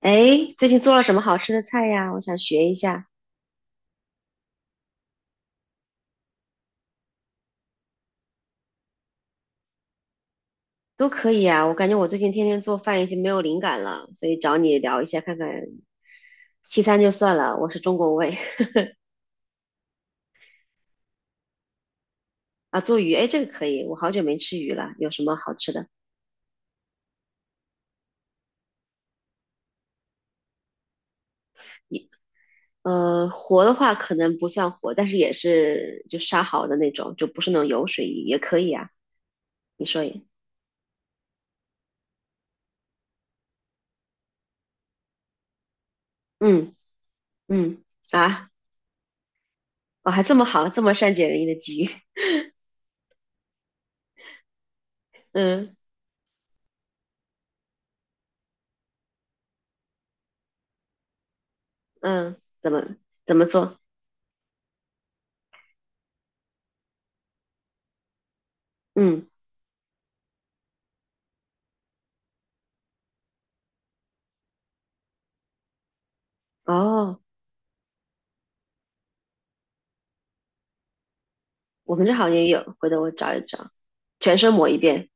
哎，最近做了什么好吃的菜呀？我想学一下。都可以啊。我感觉我最近天天做饭已经没有灵感了，所以找你聊一下看看。西餐就算了，我是中国胃。 啊，做鱼，哎，这个可以，我好久没吃鱼了。有什么好吃的？你活的话可能不算活，但是也是就杀好的那种，就不是那种油水鱼，也可以啊。你说也，嗯嗯啊，我还这么好，这么善解人意的鲫鱼。嗯嗯，怎么做？嗯，哦。我们这好像也有，回头我找一找，全身抹一遍，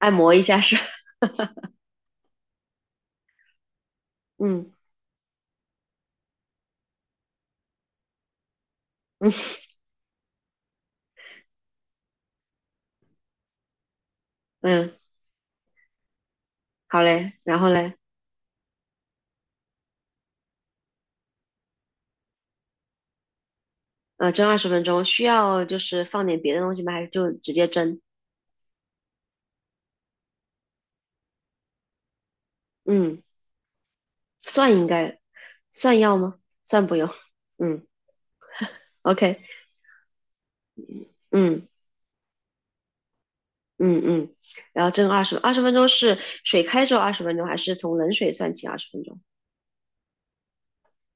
按摩一下是。嗯嗯嗯，好嘞，然后嘞，蒸二十分钟，需要就是放点别的东西吗？还是就直接蒸？嗯，蒜应该蒜要吗？蒜不用，嗯，OK，嗯嗯嗯，然后蒸二十分钟是水开之后二十分钟，还是从冷水算起二十分钟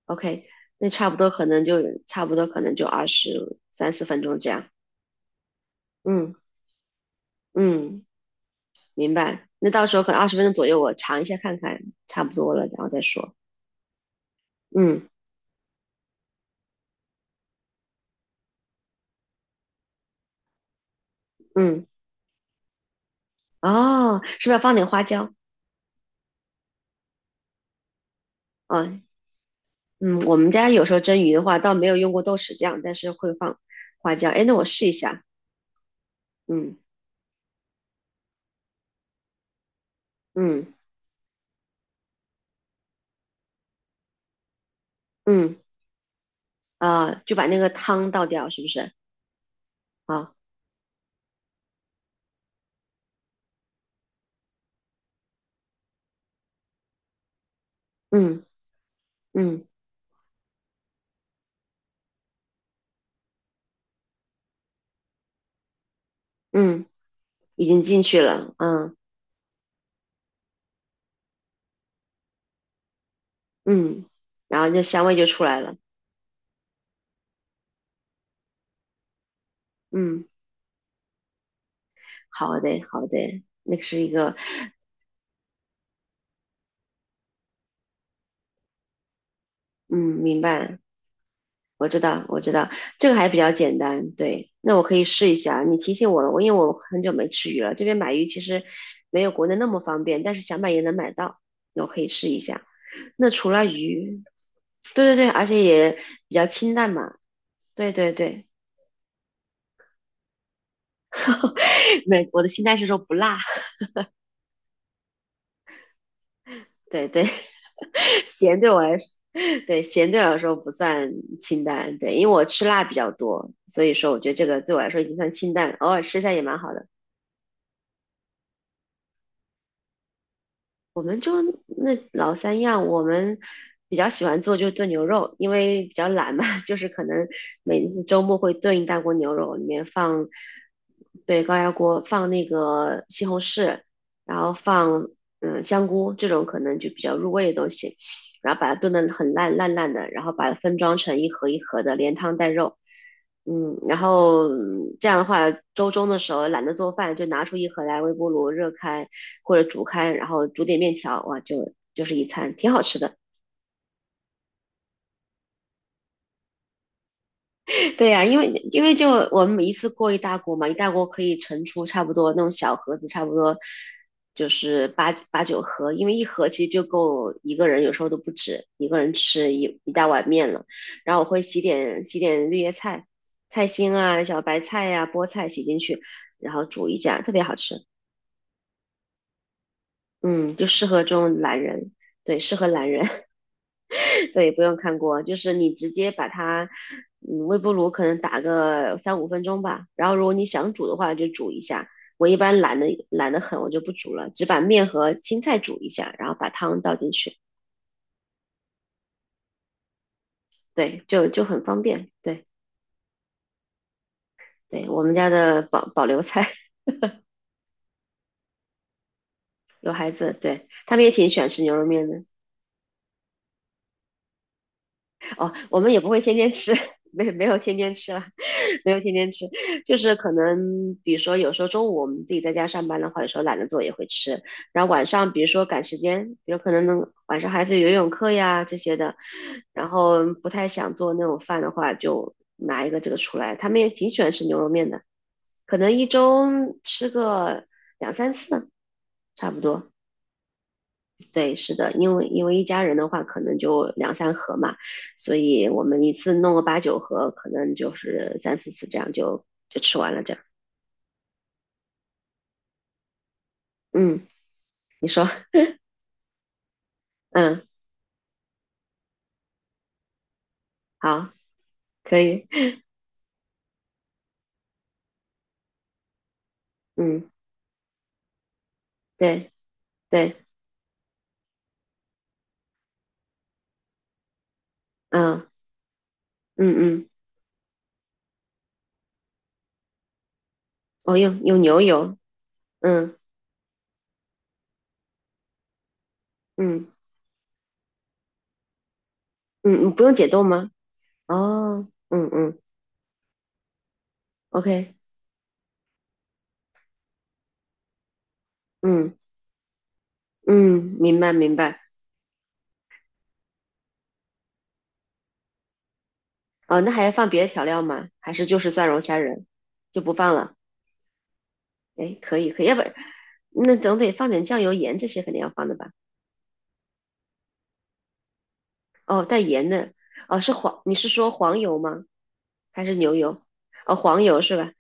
？OK，那差不多可能就差不多可能就二十三四分钟这样，嗯嗯。明白。那到时候可能二十分钟左右，我尝一下看看，差不多了，然后再说。嗯嗯，哦，是不是要放点花椒？啊，嗯，我们家有时候蒸鱼的话，倒没有用过豆豉酱，但是会放花椒。哎，那我试一下。嗯嗯嗯，啊，就把那个汤倒掉，是不是？啊，嗯嗯嗯，已经进去了。嗯嗯，然后那香味就出来了。嗯，好的好的，那个是一个，嗯，明白。我知道，我知道，这个还比较简单。对，那我可以试一下。你提醒我了，我因为我很久没吃鱼了，这边买鱼其实没有国内那么方便，但是想买也能买到，那我可以试一下。那除了鱼，对对对，而且也比较清淡嘛。对对对，美我的清淡是说不辣，对对，咸对我来说，对咸对我来说不算清淡，对，因为我吃辣比较多，所以说我觉得这个对我来说已经算清淡了，偶尔吃一下也蛮好的。我们就那老三样，我们比较喜欢做就是炖牛肉，因为比较懒嘛。就是可能每周末会炖一大锅牛肉，里面放，对，高压锅放那个西红柿，然后放香菇这种可能就比较入味的东西，然后把它炖得很烂烂烂的，然后把它分装成一盒一盒的，连汤带肉。嗯，然后这样的话，周中的时候懒得做饭，就拿出一盒来微波炉热开或者煮开，然后煮点面条，哇，就是一餐，挺好吃的。对呀、因为就我们一次过一大锅嘛，一大锅可以盛出差不多那种小盒子，差不多就是八九盒，因为一盒其实就够一个人，有时候都不止一个人吃一大碗面了。然后我会洗点绿叶菜、菜心啊、小白菜呀、菠菜洗进去，然后煮一下，特别好吃。嗯，就适合这种懒人，对，适合懒人。对，不用看锅，就是你直接把它，嗯，微波炉可能打个三五分钟吧，然后如果你想煮的话就煮一下。我一般懒得很，我就不煮了，只把面和青菜煮一下，然后把汤倒进去，对，就很方便。对，对，我们家的保留菜。有孩子，对，他们也挺喜欢吃牛肉面的。哦，我们也不会天天吃。没有天天吃了，没有天天吃，就是可能比如说有时候中午我们自己在家上班的话，有时候懒得做也会吃，然后晚上比如说赶时间，有可能能晚上孩子有游泳课呀这些的，然后不太想做那种饭的话，就拿一个这个出来，他们也挺喜欢吃牛肉面的，可能一周吃个两三次，差不多。对，是的，因为一家人的话，可能就两三盒嘛，所以我们一次弄个八九盒，可能就是三四次这样就吃完了这样。嗯，你说，嗯，好，可以，嗯，对对，嗯嗯嗯，哦，用牛油，嗯嗯嗯，嗯不用解冻吗？哦，嗯嗯，OK，嗯嗯，明白明白。哦，那还要放别的调料吗？还是就是蒜蓉虾仁就不放了？哎，可以可以，要不那总得放点酱油、盐这些肯定要放的吧？哦，带盐的，哦，你是说黄油吗？还是牛油？哦，黄油是吧？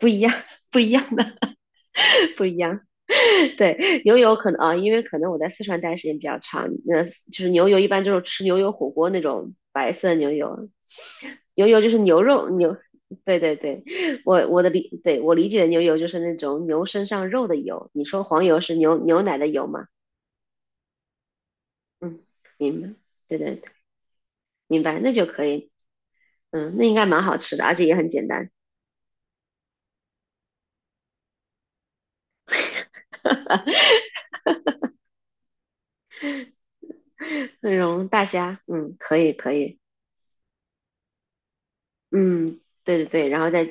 不一样，不一样的，不一样。对，牛油可能啊，因为可能我在四川待的时间比较长，那就是牛油一般就是吃牛油火锅那种白色的牛油，牛油就是牛肉牛，对对对，我我的理，对我理解的牛油就是那种牛身上肉的油，你说黄油是牛奶的油吗？嗯，明白，对对，明白，那就可以。嗯，那应该蛮好吃的，而且也很简单。那种大虾，嗯，可以可以，嗯，对对对，然后再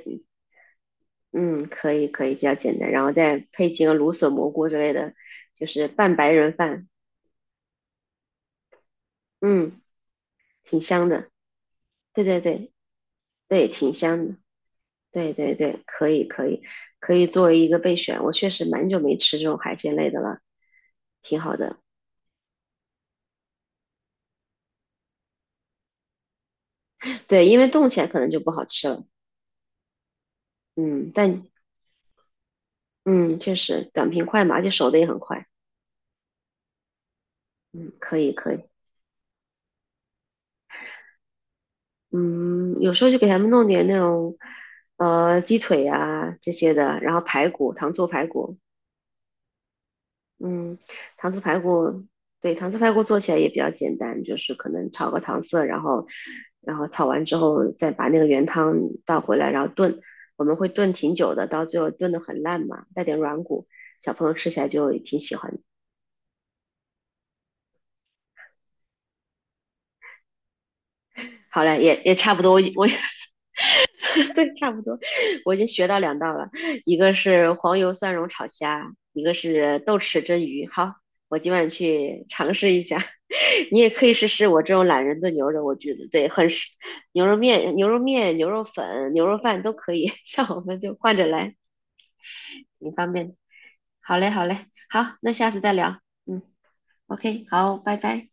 嗯，可以可以，比较简单，然后再配几个芦笋蘑菇之类的，就是拌白人饭，嗯，挺香的。对对对对，挺香的。对对对，可以可以可以作为一个备选。我确实蛮久没吃这种海鲜类的了，挺好的。对，因为冻起来可能就不好吃了。嗯，但嗯，确实短平快嘛，而且熟的也很快。嗯，可以可以。嗯，有时候就给他们弄点那种，鸡腿啊这些的，然后排骨，糖醋排骨。嗯，糖醋排骨，对，糖醋排骨做起来也比较简单，就是可能炒个糖色，然后炒完之后再把那个原汤倒回来，然后炖。我们会炖挺久的，到最后炖的很烂嘛，带点软骨，小朋友吃起来就挺喜欢的。好了，也差不多，我也。对，差不多，我已经学到两道了，一个是黄油蒜蓉炒虾，一个是豆豉蒸鱼。好，我今晚去尝试一下。你也可以试试我这种懒人炖牛肉，我觉得对，很适。牛肉面、牛肉面、牛肉粉、牛肉饭都可以。像我们就换着来，挺方便的。好嘞，好嘞，好，那下次再聊。嗯，OK，好，拜拜。